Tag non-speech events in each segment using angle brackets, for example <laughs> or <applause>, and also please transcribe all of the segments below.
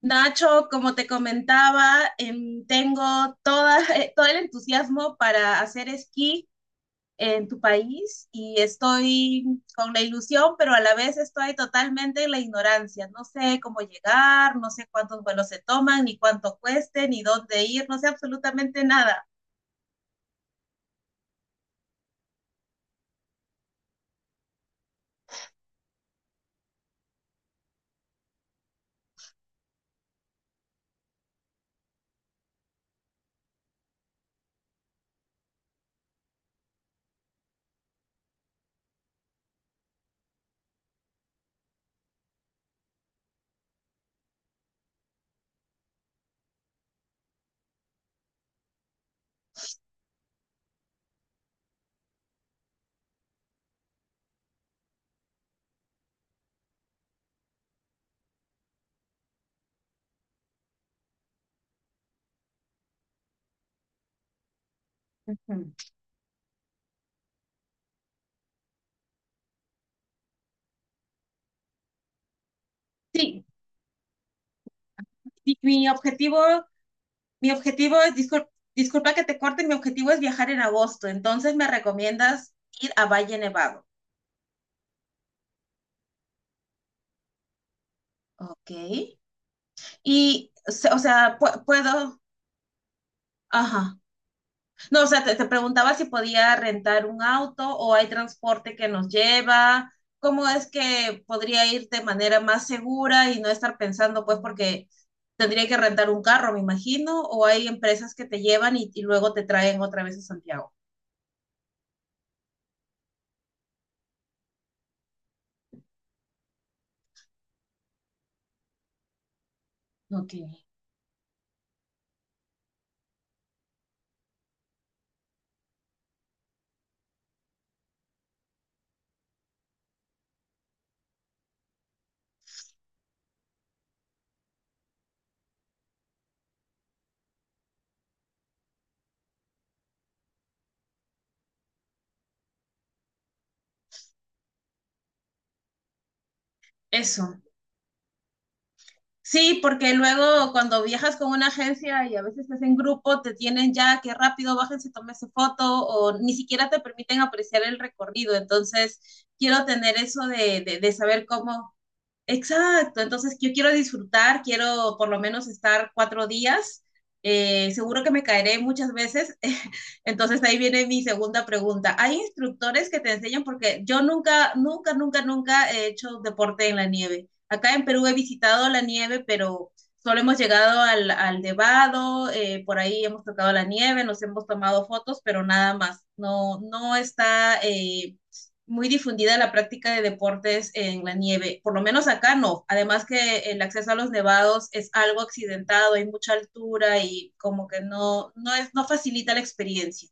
Nacho, como te comentaba, tengo toda, <laughs> todo el entusiasmo para hacer esquí en tu país y estoy con la ilusión, pero a la vez estoy totalmente en la ignorancia. No sé cómo llegar, no sé cuántos vuelos se toman, ni cuánto cueste, ni dónde ir, no sé absolutamente nada. Ujú. Sí, mi objetivo, mi objetivo es, disculpa que te corte, mi objetivo es viajar en agosto, entonces me recomiendas ir a Valle Nevado. Ok. Y, o sea, puedo, ajá. No, o sea, te preguntaba si podía rentar un auto o hay transporte que nos lleva. ¿Cómo es que podría ir de manera más segura y no estar pensando, pues, porque tendría que rentar un carro, me imagino, o hay empresas que te llevan y luego te traen otra vez a Santiago? Ok, eso. Sí, porque luego cuando viajas con una agencia y a veces estás en grupo, te tienen ya que rápido bájense, tómese foto o ni siquiera te permiten apreciar el recorrido. Entonces, quiero tener eso de saber cómo. Exacto, entonces yo quiero disfrutar, quiero por lo menos estar 4 días. Seguro que me caeré muchas veces. <laughs> Entonces ahí viene mi segunda pregunta. ¿Hay instructores que te enseñan? Porque yo nunca, nunca, nunca, nunca he hecho deporte en la nieve. Acá en Perú he visitado la nieve, pero solo hemos llegado al Nevado, por ahí hemos tocado la nieve, nos hemos tomado fotos, pero nada más. No, no está muy difundida la práctica de deportes en la nieve, por lo menos acá no. Además que el acceso a los nevados es algo accidentado, hay mucha altura y como que no, no es, no facilita la experiencia.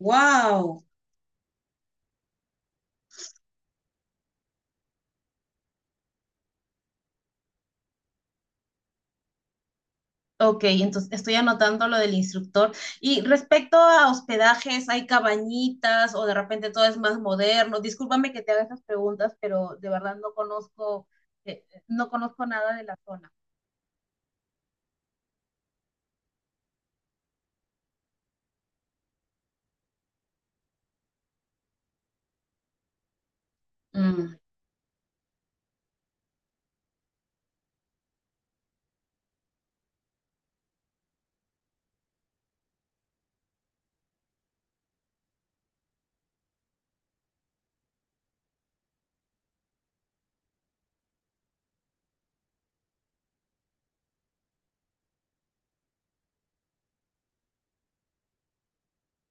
Wow. Ok, entonces estoy anotando lo del instructor. Y respecto a hospedajes, ¿hay cabañitas o de repente todo es más moderno? Discúlpame que te haga estas preguntas, pero de verdad no conozco, no conozco nada de la zona. Mm,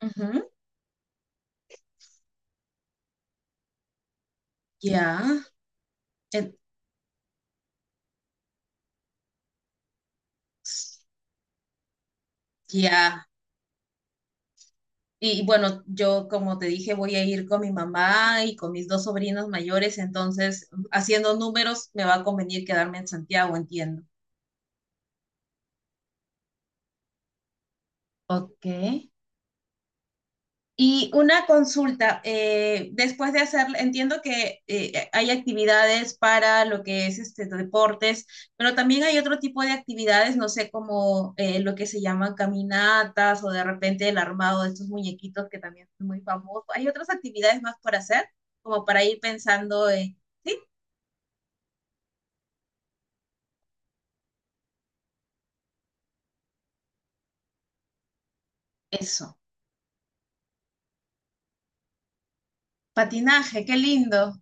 ujú, ya, en- ya. Y bueno, yo como te dije, voy a ir con mi mamá y con mis dos sobrinos mayores, entonces haciendo números me va a convenir quedarme en Santiago, entiendo. Ok. Y una consulta, después de hacer, entiendo que hay actividades para lo que es este, deportes, pero también hay otro tipo de actividades, no sé, como lo que se llaman caminatas o de repente el armado de estos muñequitos que también son muy famosos. ¿Hay otras actividades más por hacer? Como para ir pensando en, sí, eso. Patinaje, qué lindo.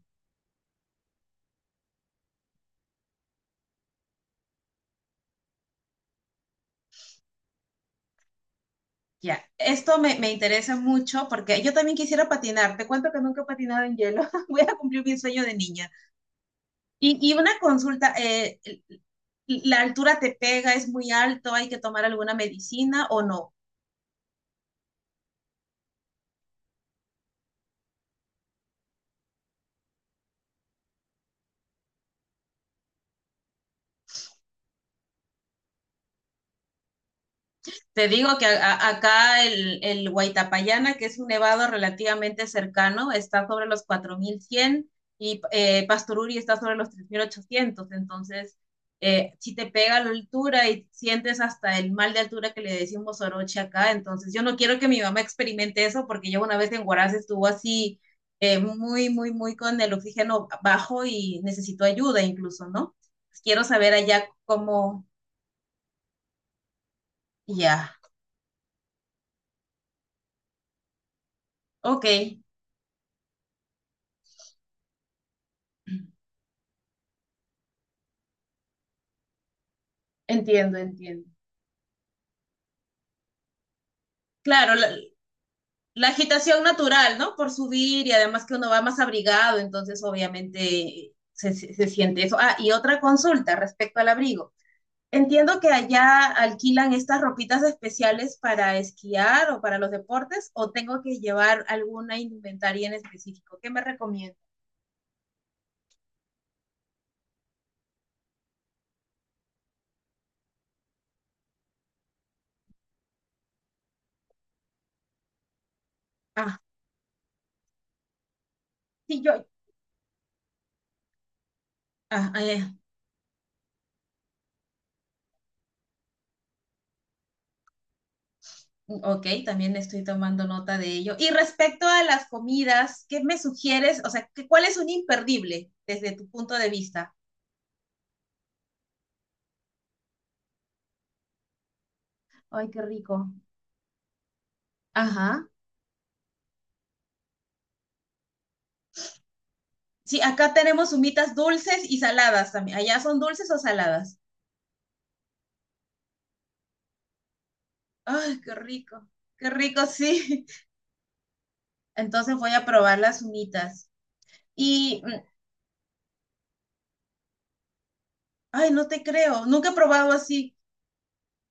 Ya, esto me interesa mucho porque yo también quisiera patinar. Te cuento que nunca he patinado en hielo. <laughs> Voy a cumplir mi sueño de niña. Y una consulta, ¿la altura te pega? ¿Es muy alto? ¿Hay que tomar alguna medicina o no? Te digo que acá el Huaytapallana, que es un nevado relativamente cercano, está sobre los 4100 y Pastoruri está sobre los 3800. Entonces, si te pega la altura y sientes hasta el mal de altura que le decimos oroche acá, entonces yo no quiero que mi mamá experimente eso porque yo una vez en Huaraz estuvo así muy, muy, muy con el oxígeno bajo y necesitó ayuda incluso, ¿no? Pues quiero saber allá cómo. Ya. Ok. Entiendo, entiendo. Claro, la agitación natural, ¿no? Por subir y además que uno va más abrigado, entonces obviamente se siente eso. Ah, y otra consulta respecto al abrigo. Entiendo que allá alquilan estas ropitas especiales para esquiar o para los deportes, o tengo que llevar alguna indumentaria en específico. ¿Qué me recomiendas? Ah, sí, yo. Ah, ok, también estoy tomando nota de ello. Y respecto a las comidas, ¿qué me sugieres? O sea, ¿qué- ¿cuál es un imperdible desde tu punto de vista? Ay, qué rico. Ajá. Sí, acá tenemos humitas dulces y saladas también. ¿Allá son dulces o saladas? Ay, qué rico, sí. <laughs> Entonces voy a probar las humitas. Y, ay, no te creo, nunca he probado así.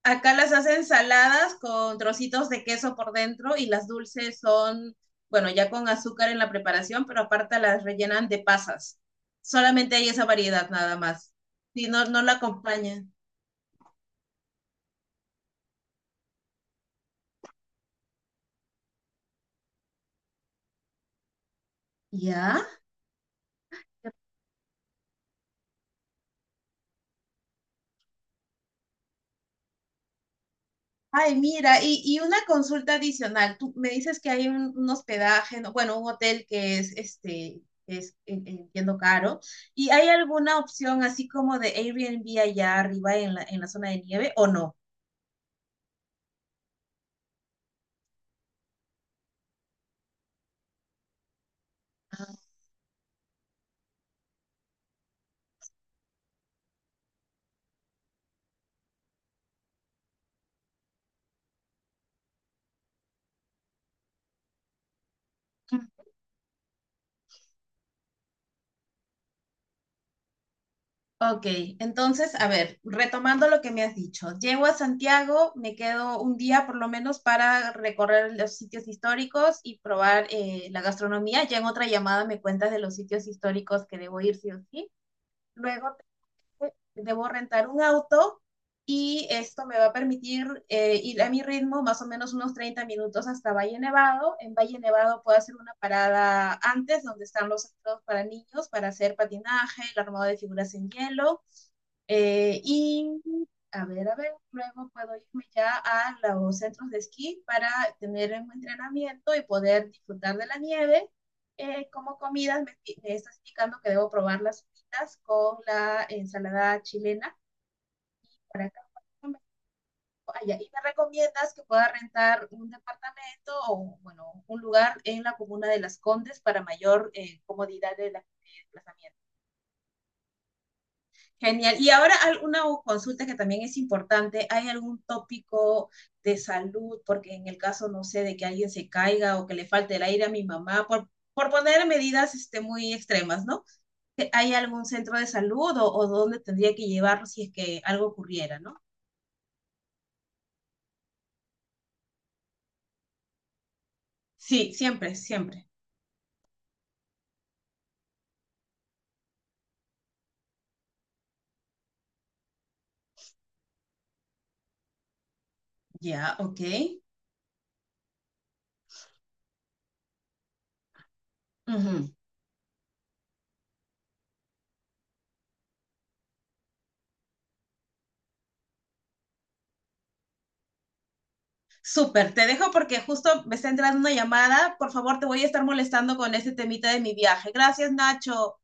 Acá las hacen saladas con trocitos de queso por dentro y las dulces son, bueno, ya con azúcar en la preparación, pero aparte las rellenan de pasas. Solamente hay esa variedad nada más. Si no, no la acompañan. ¿Ya? Ay, mira, y una consulta adicional. Tú me dices que hay un hospedaje, no, bueno, un hotel que es, este, es, entiendo, caro. ¿Y hay alguna opción así como de Airbnb allá arriba en la zona de nieve o no? Ok, entonces, a ver, retomando lo que me has dicho, llego a Santiago, me quedo un día por lo menos para recorrer los sitios históricos y probar la gastronomía. Ya en otra llamada me cuentas de los sitios históricos que debo ir sí o sí. Luego debo rentar un auto y esto me va a permitir ir a mi ritmo más o menos unos 30 minutos hasta Valle Nevado. En Valle Nevado puedo hacer una parada antes donde están los centros para niños para hacer patinaje, el armado de figuras en hielo. Y a ver, luego puedo irme ya a los centros de esquí para tener un entrenamiento y poder disfrutar de la nieve. Como comidas, me estás indicando que debo probar las fritas con la ensalada chilena para acá. Allá. Y me recomiendas que pueda rentar un departamento o, bueno, un lugar en la comuna de Las Condes para mayor comodidad de de desplazamiento. Genial. Y ahora alguna consulta que también es importante. ¿Hay algún tópico de salud? Porque en el caso, no sé, de que alguien se caiga o que le falte el aire a mi mamá, por poner medidas este, muy extremas, ¿no? ¿Hay algún centro de salud o dónde tendría que llevarlo si es que algo ocurriera, ¿no? Sí, siempre, siempre. Ya, ok. Ujú. Súper, te dejo porque justo me está entrando una llamada. Por favor, te voy a estar molestando con este temita de mi viaje. Gracias, Nacho.